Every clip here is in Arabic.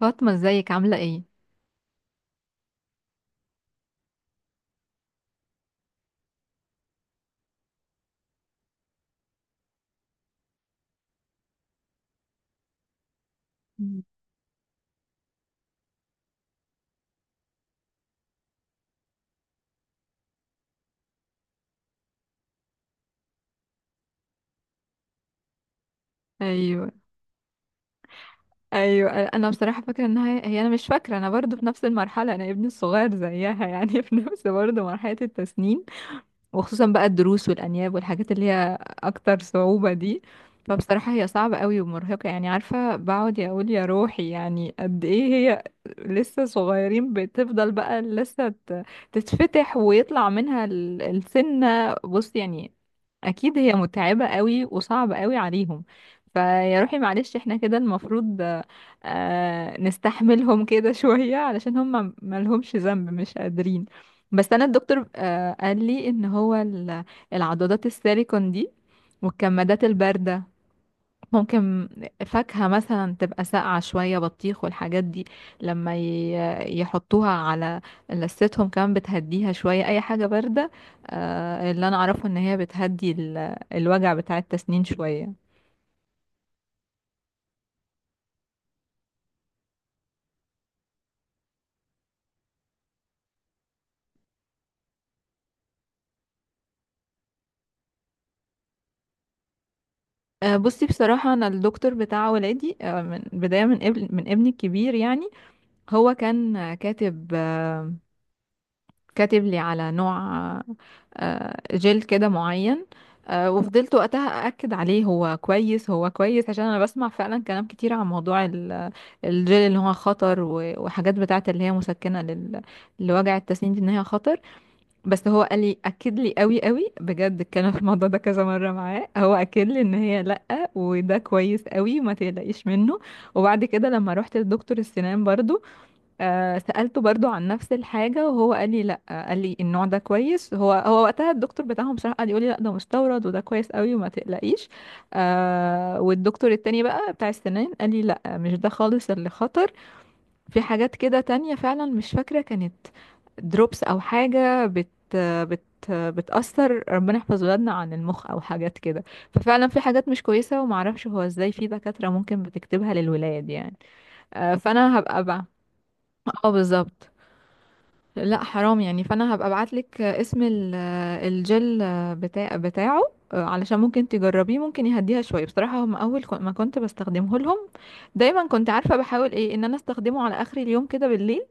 فاطمة، ازيك؟ عاملة ايه؟ مم. ايوه، ايوه، انا بصراحة فاكرة انها هي انا مش فاكرة، انا برضو في نفس المرحلة، انا ابني الصغير زيها يعني في نفس برضو مرحلة التسنين. وخصوصا بقى الدروس والأنياب والحاجات اللي هي أكتر صعوبة دي، فبصراحة هي صعبة قوي ومرهقة، يعني عارفة بقعد يا أقول يا روحي يعني قد إيه هي لسه صغيرين. بتفضل بقى لسه تتفتح ويطلع منها السنة، بص يعني أكيد هي متعبة قوي وصعبة قوي عليهم. فيا روحي معلش، احنا كده المفروض نستحملهم كده شوية، علشان هم ملهمش ذنب، مش قادرين. بس انا الدكتور قال لي ان هو العضادات السيليكون دي والكمادات الباردة ممكن، فاكهة مثلا تبقى ساقعة شوية، بطيخ والحاجات دي لما يحطوها على لثتهم كمان بتهديها شوية، اي حاجة باردة اللي انا اعرفه ان هي بتهدي الوجع بتاع التسنين شوية. بصي بصراحة، أنا الدكتور بتاع ولادي من بداية من ابني الكبير يعني، هو كان كاتب لي على نوع جل كده معين، وفضلت وقتها أأكد عليه، هو كويس، عشان أنا بسمع فعلا كلام كتير عن موضوع الجل اللي هو خطر، وحاجات بتاعت اللي هي مسكنة لوجع التسنين دي، إن هي خطر. بس هو قال لي، أكد لي قوي قوي بجد، اتكلم في الموضوع ده كذا مرة معاه، هو أكد لي إن هي لأ وده كويس قوي ما تقلقيش منه. وبعد كده لما روحت لدكتور السنان برضو سألته برضو عن نفس الحاجة، وهو قال لي لا، قال لي النوع ده كويس، هو هو وقتها الدكتور بتاعهم بصراحة يقول لي لا، ده مستورد وده كويس قوي وما تقلقيش. والدكتور التاني بقى بتاع السنان قال لي لا، مش ده خالص اللي خطر، في حاجات كده تانية فعلا مش فاكرة، كانت دروبس او حاجة بت بت بتأثر ربنا يحفظ ولادنا عن المخ او حاجات كده. ففعلا في حاجات مش كويسة، ومعرفش هو ازاي في دكاترة ممكن بتكتبها للولاد يعني. فانا هبقى بقى اه بالظبط، لا حرام يعني، فانا هبقى ابعتلك اسم الجل بتاعه، علشان ممكن تجربيه، ممكن يهديها شويه. بصراحه هم اول ما كنت بستخدمه لهم دايما، كنت عارفه بحاول ايه ان انا استخدمه على اخر اليوم كده بالليل،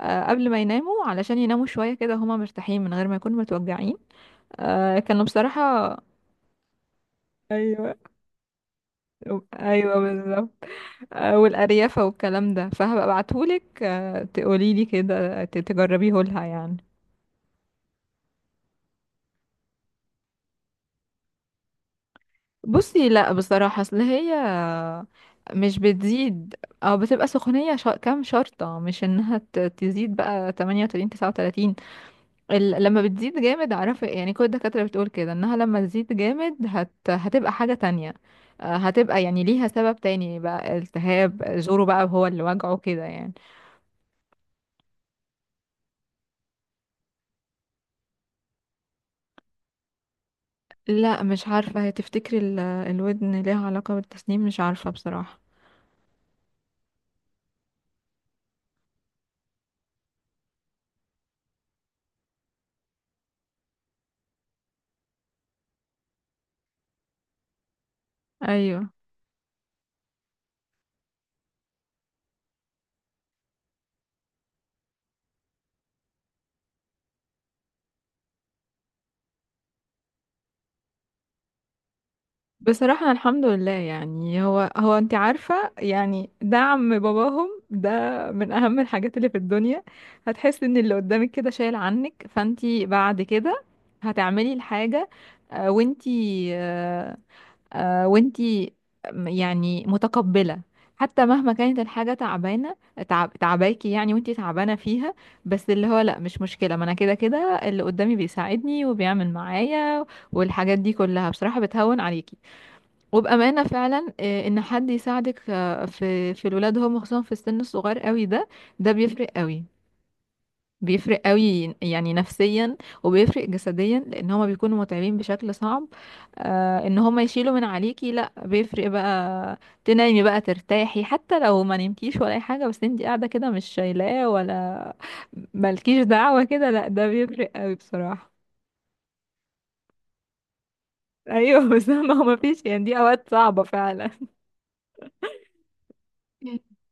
قبل ما يناموا علشان يناموا شويه كده هما مرتاحين من غير ما يكونوا متوجعين، كانوا بصراحه ايوه، ايوه بالظبط، والاريافه والكلام ده، فهبقى ابعتهولك تقوليلي كده تجربيه لها يعني. بصي لا بصراحة، اصل هي مش بتزيد او بتبقى كام شرطة، مش انها تزيد بقى 38 39، لما بتزيد جامد اعرفي، يعني كل الدكاترة بتقول كده انها لما تزيد جامد هتبقى حاجة تانية، هتبقى يعني ليها سبب تاني بقى، التهاب زوره بقى هو اللي وجعه كده يعني. لا مش عارفة، هي تفتكري الودن ليها علاقة بالتسنين؟ مش عارفة بصراحة. ايوه بصراحة أنا الحمد لله، يعني هو هو انت عارفة يعني دعم باباهم ده من اهم الحاجات اللي في الدنيا. هتحس ان اللي قدامك كده شايل عنك، فانت بعد كده هتعملي الحاجة آه، وانت آه، آه، وانت م- يعني متقبلة، حتى مهما كانت الحاجة تعبانة، تعب تعباكي يعني، وانت تعبانة فيها، بس اللي هو لا مش مشكلة، ما انا كده كده اللي قدامي بيساعدني وبيعمل معايا، والحاجات دي كلها بصراحة بتهون عليكي. وبأمانة فعلا إن حد يساعدك في الولاد هم، خصوصا في السن الصغير قوي ده، ده بيفرق قوي، بيفرق قوي يعني نفسيا، وبيفرق جسديا، لأن هما بيكونوا متعبين بشكل صعب، إن هما يشيلوا من عليكي، لأ بيفرق بقى، تنامي بقى ترتاحي، حتى لو ما نمتيش ولا أي حاجة، بس انتي قاعدة كده مش شايلاه ولا مالكيش دعوة كده، لأ ده بيفرق قوي بصراحة. أيوه بس ما هو مفيش، يعني دي أوقات صعبة فعلا.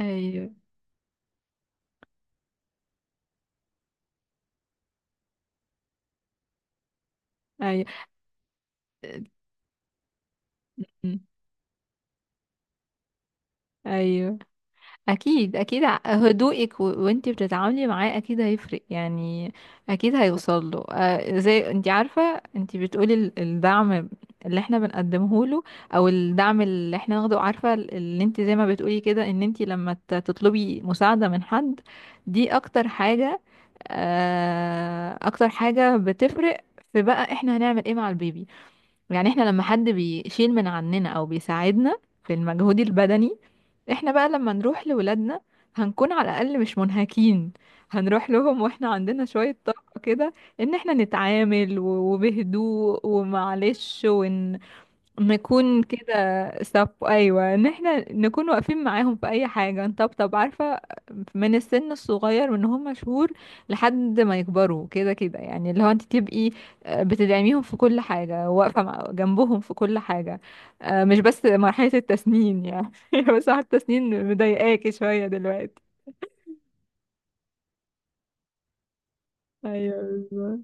أيوه، أيوه. مم. ايوه اكيد، اكيد، هدوءك وانتي بتتعاملي معاه اكيد هيفرق يعني، اكيد هيوصل له آه، زي انتي عارفه، انتي بتقولي الدعم اللي احنا بنقدمه له، او الدعم اللي احنا ناخده، عارفه اللي انتي زي ما بتقولي كده، ان انتي لما تطلبي مساعده من حد دي اكتر حاجه، اكتر حاجه بتفرق في بقى احنا هنعمل ايه مع البيبي. يعني احنا لما حد بيشيل من عننا او بيساعدنا في المجهود البدني، احنا بقى لما نروح لولادنا هنكون على الاقل مش منهكين، هنروح لهم واحنا عندنا شوية طاقة كده، ان احنا نتعامل وبهدوء ومعلش نكون كده. ايوه ان احنا نكون واقفين معاهم في اي حاجه، نطبطب عارفه من السن الصغير، من هم شهور لحد ما يكبروا كده كده يعني، اللي هو انت تبقي بتدعميهم في كل حاجه، واقفه جنبهم في كل حاجه، مش بس مرحله التسنين يعني بس واحد التسنين مضايقاكي شويه دلوقتي. ايوه بالظبط.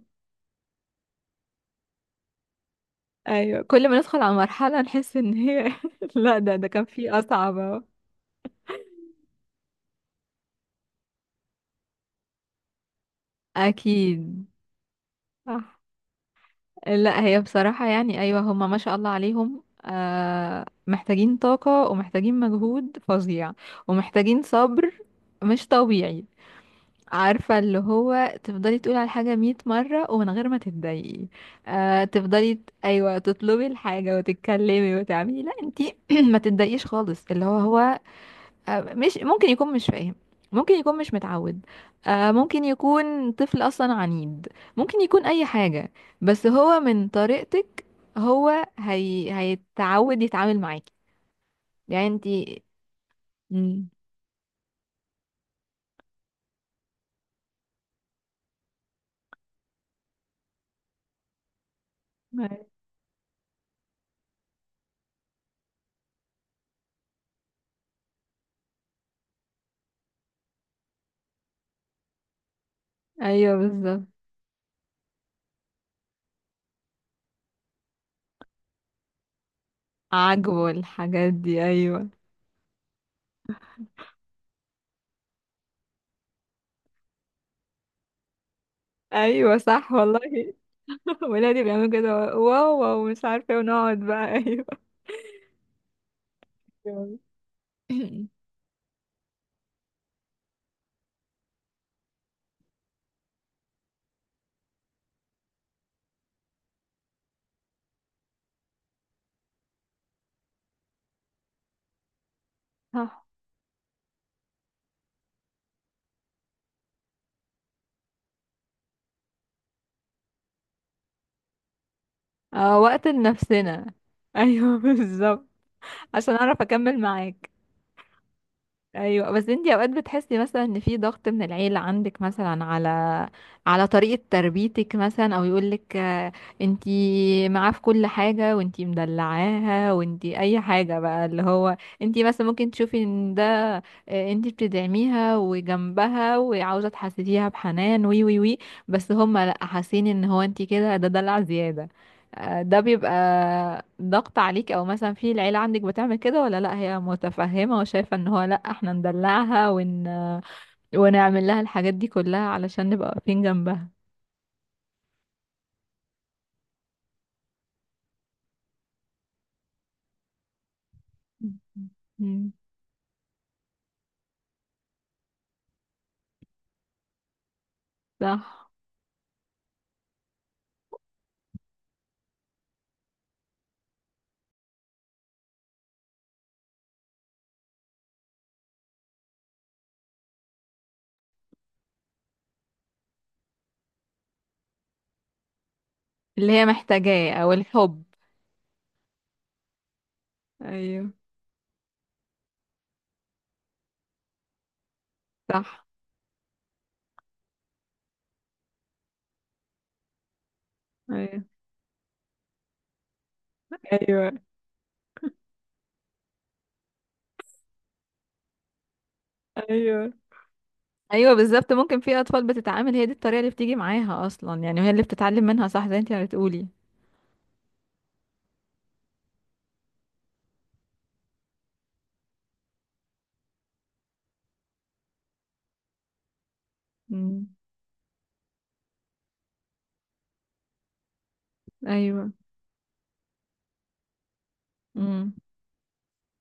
ايوه كل ما ندخل على مرحله نحس ان هي لا، ده ده كان في اصعب أهو. اكيد. صح. لا هي بصراحة، يعني أيوة، هما ما شاء الله عليهم محتاجين طاقة ومحتاجين مجهود فظيع، ومحتاجين صبر مش طبيعي. عارفة اللي هو تفضلي تقولي على الحاجة مية مرة ومن غير ما تتضايقي، تفضلي أيوة تطلبي الحاجة وتتكلمي وتعملي، لا انتي ما تتضايقيش خالص، اللي هو مش ممكن يكون مش فاهم، ممكن يكون مش متعود، ممكن يكون طفل اصلا عنيد، ممكن يكون اي حاجة، بس هو من طريقتك هيتعود يتعامل معاكي يعني. انتي مم. أي- ايوه بالظبط، عاجبه الحاجات دي ايوه، ايوه صح والله ولادي بيعملوا كده، واو واو مش عارفه ونقعد بقى، ايوه أيوة. صح. آه وقت لنفسنا، ايوه بالظبط، عشان اعرف اكمل معاك. ايوه بس انتي اوقات بتحسي مثلا ان في ضغط من العيله عندك مثلا على طريقه تربيتك مثلا، او يقولك انتي معاه في كل حاجه وانتي مدلعاها وانتي اي حاجه بقى، اللي هو انتي مثلا ممكن تشوفي ان ده انتي بتدعميها وجنبها وعاوزه تحسسيها بحنان وي وي وي، بس هم لا حاسين ان هو انتي كده ده دلع زياده، ده بيبقى ضغط عليك. او مثلا في العيلة عندك بتعمل كده ولا لا، هي متفهمة وشايفة ان هو لا احنا ندلعها ونعمل لها الحاجات دي كلها علشان نبقى واقفين جنبها. مم. صح، اللي هي محتاجاه او الحب. ايوه صح. ايوه. ايوه. ايوه. ايوه بالظبط، ممكن في اطفال بتتعامل هي دي الطريقة اللي بتيجي معاها اصلا يعني، وهي اللي بتتعلم منها صح زي انت ما بتقولي. مم. ايوه. امم.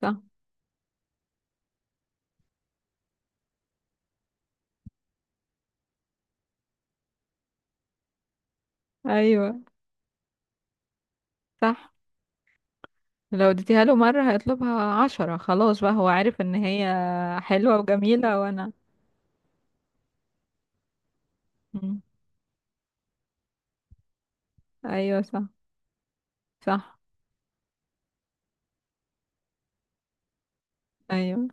صح. ايوه صح، لو اديتيها له مرة هيطلبها عشرة، خلاص بقى هو عارف ان هي حلوة وجميلة وانا. مم. ايوه صح. صح. ايوه.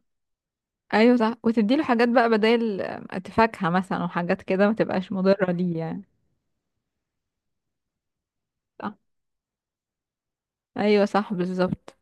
ايوه صح، وتديله حاجات بقى بدل، فاكهة مثلا وحاجات كده ما تبقاش مضرة ليه يعني. صح. ايوه صح بالظبط.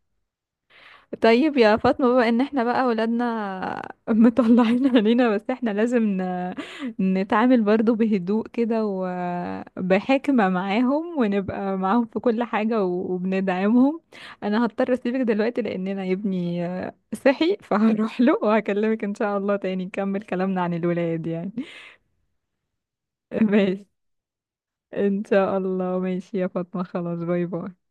طيب يا فاطمة، بما ان احنا بقى ولادنا مطلعين علينا، بس احنا لازم نتعامل برضو بهدوء كده وبحكمة معاهم، ونبقى معاهم في كل حاجة وبندعمهم. انا هضطر اسيبك دلوقتي، لان انا ابني صحي فهروح له وهكلمك ان شاء الله تاني نكمل كلامنا عن الولاد يعني. ماشي، ان شاء الله، ماشي يا فاطمة، خلاص، باي باي.